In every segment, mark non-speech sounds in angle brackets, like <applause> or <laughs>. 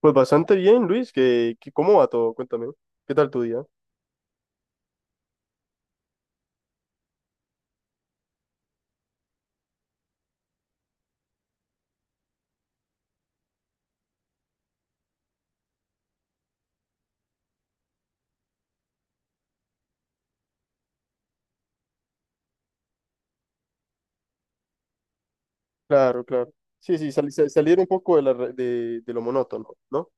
Pues bastante bien, Luis, ¿cómo va todo? Cuéntame, ¿qué tal tu día? Claro, claro. Sí, sí, salir un poco de, la re- de lo monótono, ¿no?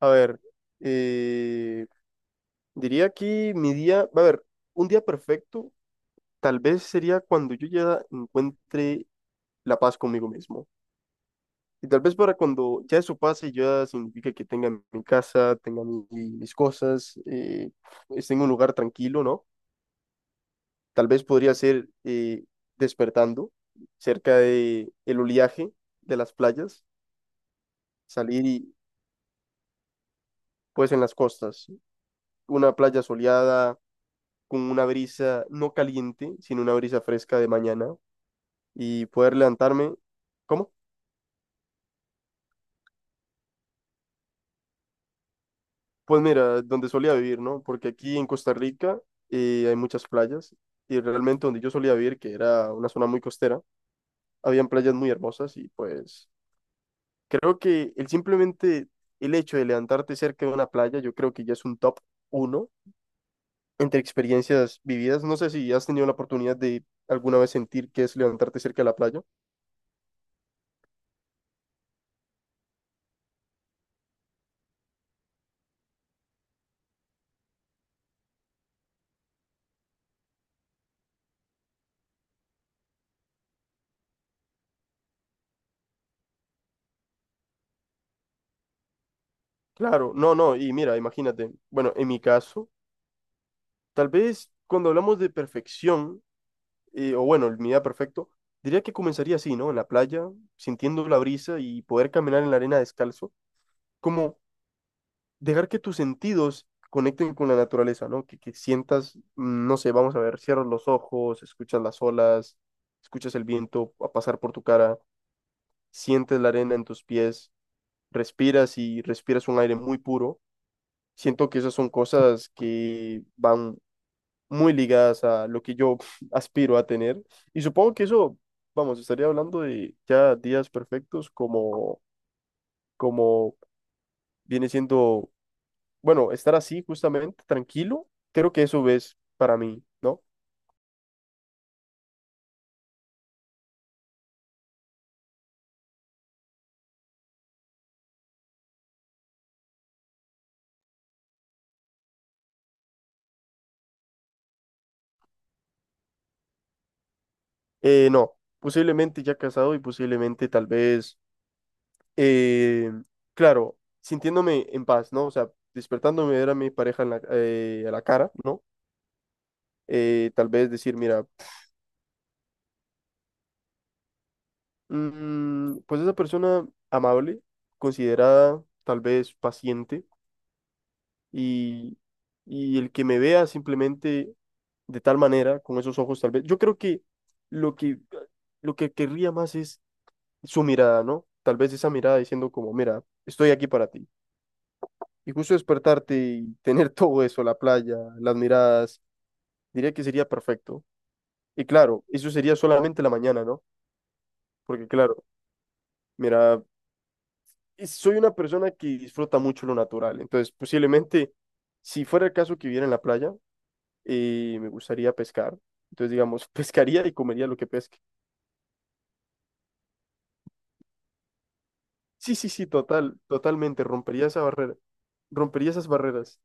A ver, eh, diría que a ver, un día perfecto tal vez sería cuando yo ya encuentre la paz conmigo mismo. Y tal vez para cuando ya eso pase, ya significa que tenga mi casa, tenga mis cosas, esté en un lugar tranquilo, ¿no? Tal vez podría ser despertando cerca de el oleaje de las playas, salir y pues en las costas, una playa soleada con una brisa no caliente, sino una brisa fresca de mañana y poder levantarme. ¿Cómo? Pues mira, donde solía vivir, ¿no? Porque aquí en Costa Rica hay muchas playas y realmente donde yo solía vivir, que era una zona muy costera, habían playas muy hermosas y pues creo que el simplemente el hecho de levantarte cerca de una playa, yo creo que ya es un top uno entre experiencias vividas. No sé si has tenido la oportunidad de alguna vez sentir qué es levantarte cerca de la playa. Claro, no, no, y mira, imagínate, bueno, en mi caso, tal vez cuando hablamos de perfección, o bueno, el mi día perfecto, diría que comenzaría así, ¿no? En la playa, sintiendo la brisa y poder caminar en la arena descalzo, como dejar que tus sentidos conecten con la naturaleza, ¿no? Que sientas, no sé, vamos a ver, cierras los ojos, escuchas las olas, escuchas el viento a pasar por tu cara, sientes la arena en tus pies, respiras y respiras un aire muy puro. Siento que esas son cosas que van muy ligadas a lo que yo <laughs> aspiro a tener. Y supongo que eso, vamos, estaría hablando de ya días perfectos como, como viene siendo bueno, estar así justamente, tranquilo, creo que eso es para mí, ¿no? No, posiblemente ya casado y posiblemente tal vez, eh, claro, sintiéndome en paz, ¿no? O sea, despertándome ver a mi pareja a la cara, ¿no? Tal vez decir, mira, pues esa persona amable, considerada, tal vez paciente, y, y el que me vea simplemente de tal manera, con esos ojos tal vez. Yo creo que lo que, lo que querría más es su mirada, ¿no? Tal vez esa mirada diciendo como, mira, estoy aquí para ti. Y justo despertarte y tener <laughs> todo eso, la playa, las miradas, diría que sería perfecto. Y claro, eso sería solamente la mañana, ¿no? Porque claro, mira, soy una persona que disfruta mucho lo natural. Entonces, posiblemente, si fuera el caso que viviera en la playa, y me gustaría pescar. Entonces, digamos, <laughs> pescaría y comería lo que pesque. Sí, sí, sí, totalmente, rompería esa barrera, rompería esas barreras.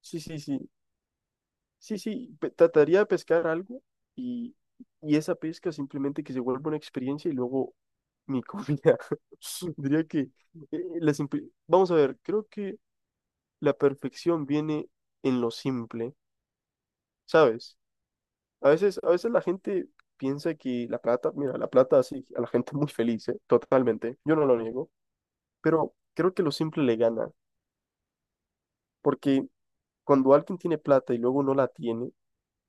Sí, sí, sí, sí, sí, trataría de pescar algo y, y esa pesca simplemente que se vuelva una experiencia y luego mi comida. <laughs> Diría que vamos a ver, creo que la perfección viene en lo simple, ¿sabes? A veces la gente piensa que la plata, mira, la plata hace a la gente muy feliz, ¿eh? Totalmente, yo no lo niego, pero creo que lo simple le gana, porque cuando alguien tiene plata y luego no la tiene,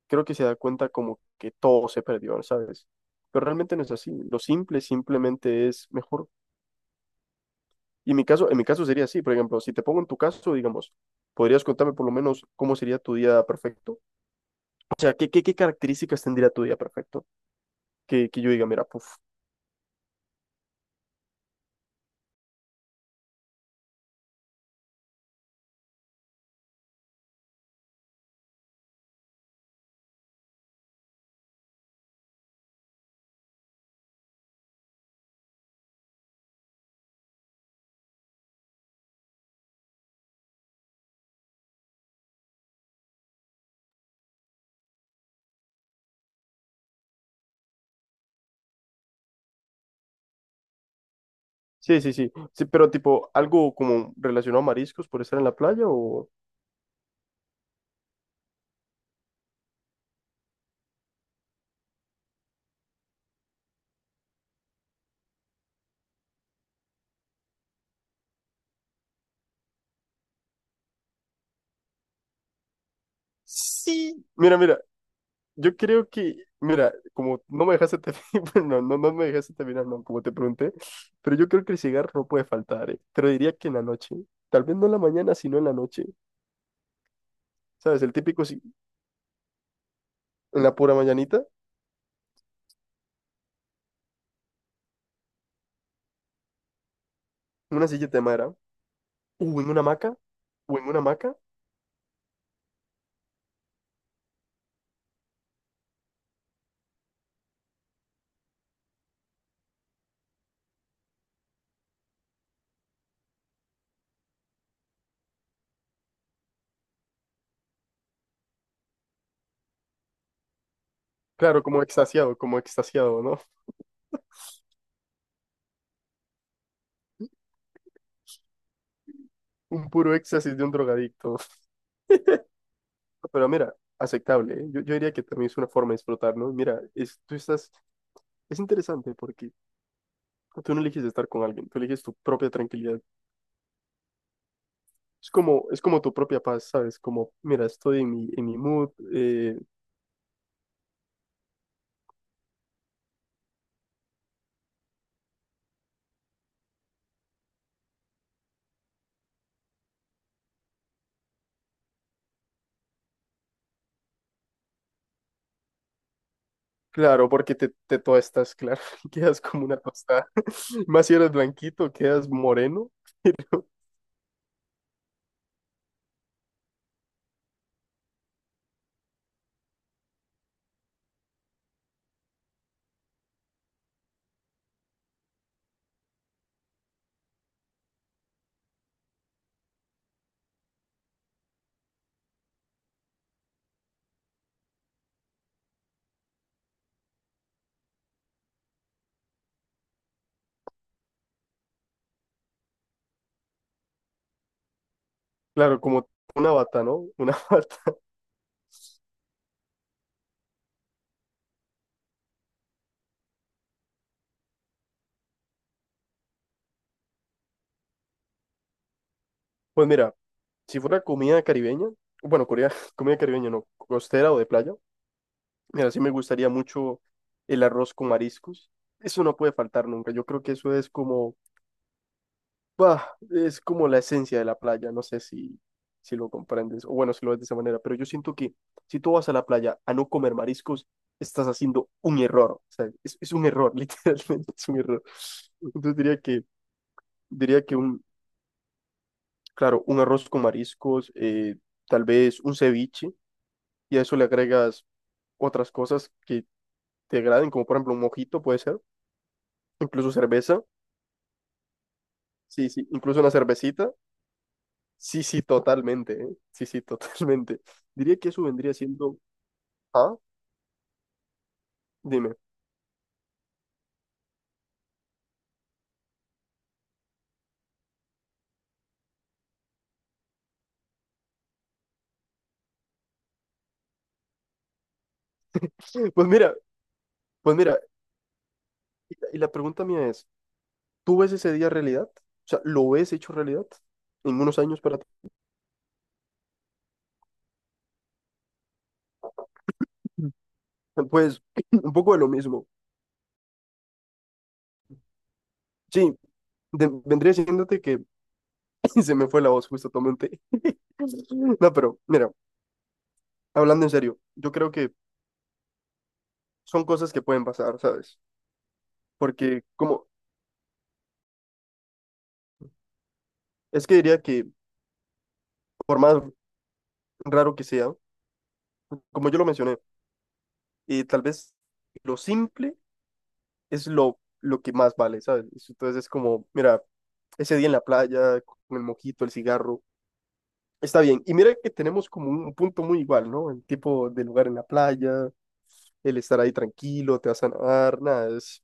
creo que se da cuenta como que todo se perdió, ¿sabes? Pero realmente no es así, lo simple simplemente es mejor. Y en mi caso sería así, por ejemplo, si te pongo en tu caso, digamos, ¿podrías contarme por lo menos cómo sería tu día perfecto? O sea, ¿qué características tendría tu día perfecto? Que yo diga, mira, puf. Sí, sí, sí. Sí, pero tipo, algo como relacionado a mariscos por estar en la playa o... Sí. Mira, mira, yo creo que, mira, como no me dejaste terminar, <laughs> bueno, no, no me dejaste terminar, no, como te pregunté, pero yo creo que el cigarro no puede faltar, eh. Pero diría que en la noche, tal vez no en la mañana, sino en la noche, ¿sabes? El típico, si- en la pura mañanita, en una silleta de madera, en una hamaca, o en una hamaca, claro, como extasiado, ¿no? Un puro éxtasis de un drogadicto. Pero mira, aceptable, ¿eh? Yo diría que también es una forma de explotar, ¿no? Mira, es interesante porque tú no eliges estar con alguien, tú eliges tu propia tranquilidad. Es como tu propia paz, ¿sabes? Como, mira, estoy en mi mood, claro, porque te toastas, claro, <laughs> quedas como una tostada. <laughs> Más si eres blanquito, quedas moreno, claro, como una bata, ¿no? Una <laughs> bata. Pues mira, si fuera comida caribeña, bueno, Corea, <laughs> comida caribeña no, costera o de playa. Mira, sí me gustaría mucho el arroz con mariscos. Eso no puede faltar nunca. Yo creo que eso es como, bah, es como la esencia de la playa. No sé si, si lo comprendes o bueno, si lo ves de esa manera, pero yo siento que si tú vas a la playa a no comer mariscos, estás haciendo un error. O sea, es un error, <laughs> literalmente es un error. Entonces diría que claro, un arroz con mariscos, tal vez un ceviche, y a eso le agregas otras cosas que te agraden, como por ejemplo un mojito, puede ser. Incluso cerveza. Sí, sí. Incluso una cervecita. Sí, sí, totalmente. ¿Eh? Sí, sí, <laughs> totalmente. Diría que eso vendría siendo... Ah, dime. Pues mira, pues mira. Y la pregunta mía es, ¿tú ves ese día realidad? O sea, ¿lo ves hecho realidad en unos años para ti? Mm. Pues <clears throat> un poco de lo mismo. Sí, de- vendría diciéndote que <laughs> se me fue la voz justo, tomé un té. <laughs> No, pero mira, hablando en serio, yo creo que son cosas que pueden pasar, ¿sabes? Porque como, es que diría que por más raro que sea, como yo lo mencioné, tal vez lo simple es lo que más vale, ¿sabes? Entonces es como, mira, ese día en la playa, con el mojito, el cigarro, está bien. Y mira que tenemos como un punto muy igual, ¿no? El tipo de lugar en la playa, el estar ahí tranquilo, te vas a nadar, nada, es,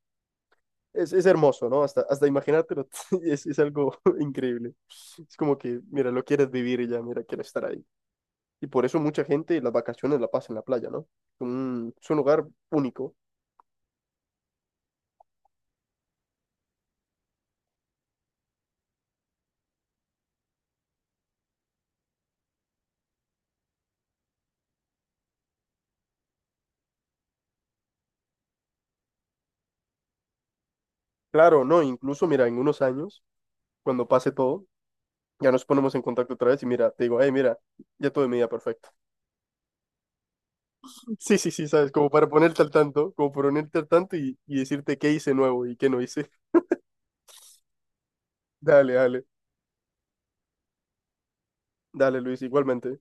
es, es hermoso, ¿no? Hasta imaginártelo <laughs> es algo <laughs> increíble. Es como que, mira, lo quieres vivir y ya, mira, quieres estar ahí. Y por eso mucha gente las vacaciones la pasa en la playa, ¿no? Es un lugar único. Claro, no, incluso mira, en unos años, cuando pase todo, ya nos ponemos en contacto otra vez y mira, te digo, hey, mira, ya todo de medida perfecto. <laughs> Sí, sí, sí, sabes, como para ponerte al tanto, como para ponerte al tanto y decirte qué hice nuevo y qué no hice. <laughs> Dale, dale, dale, Luis, igualmente.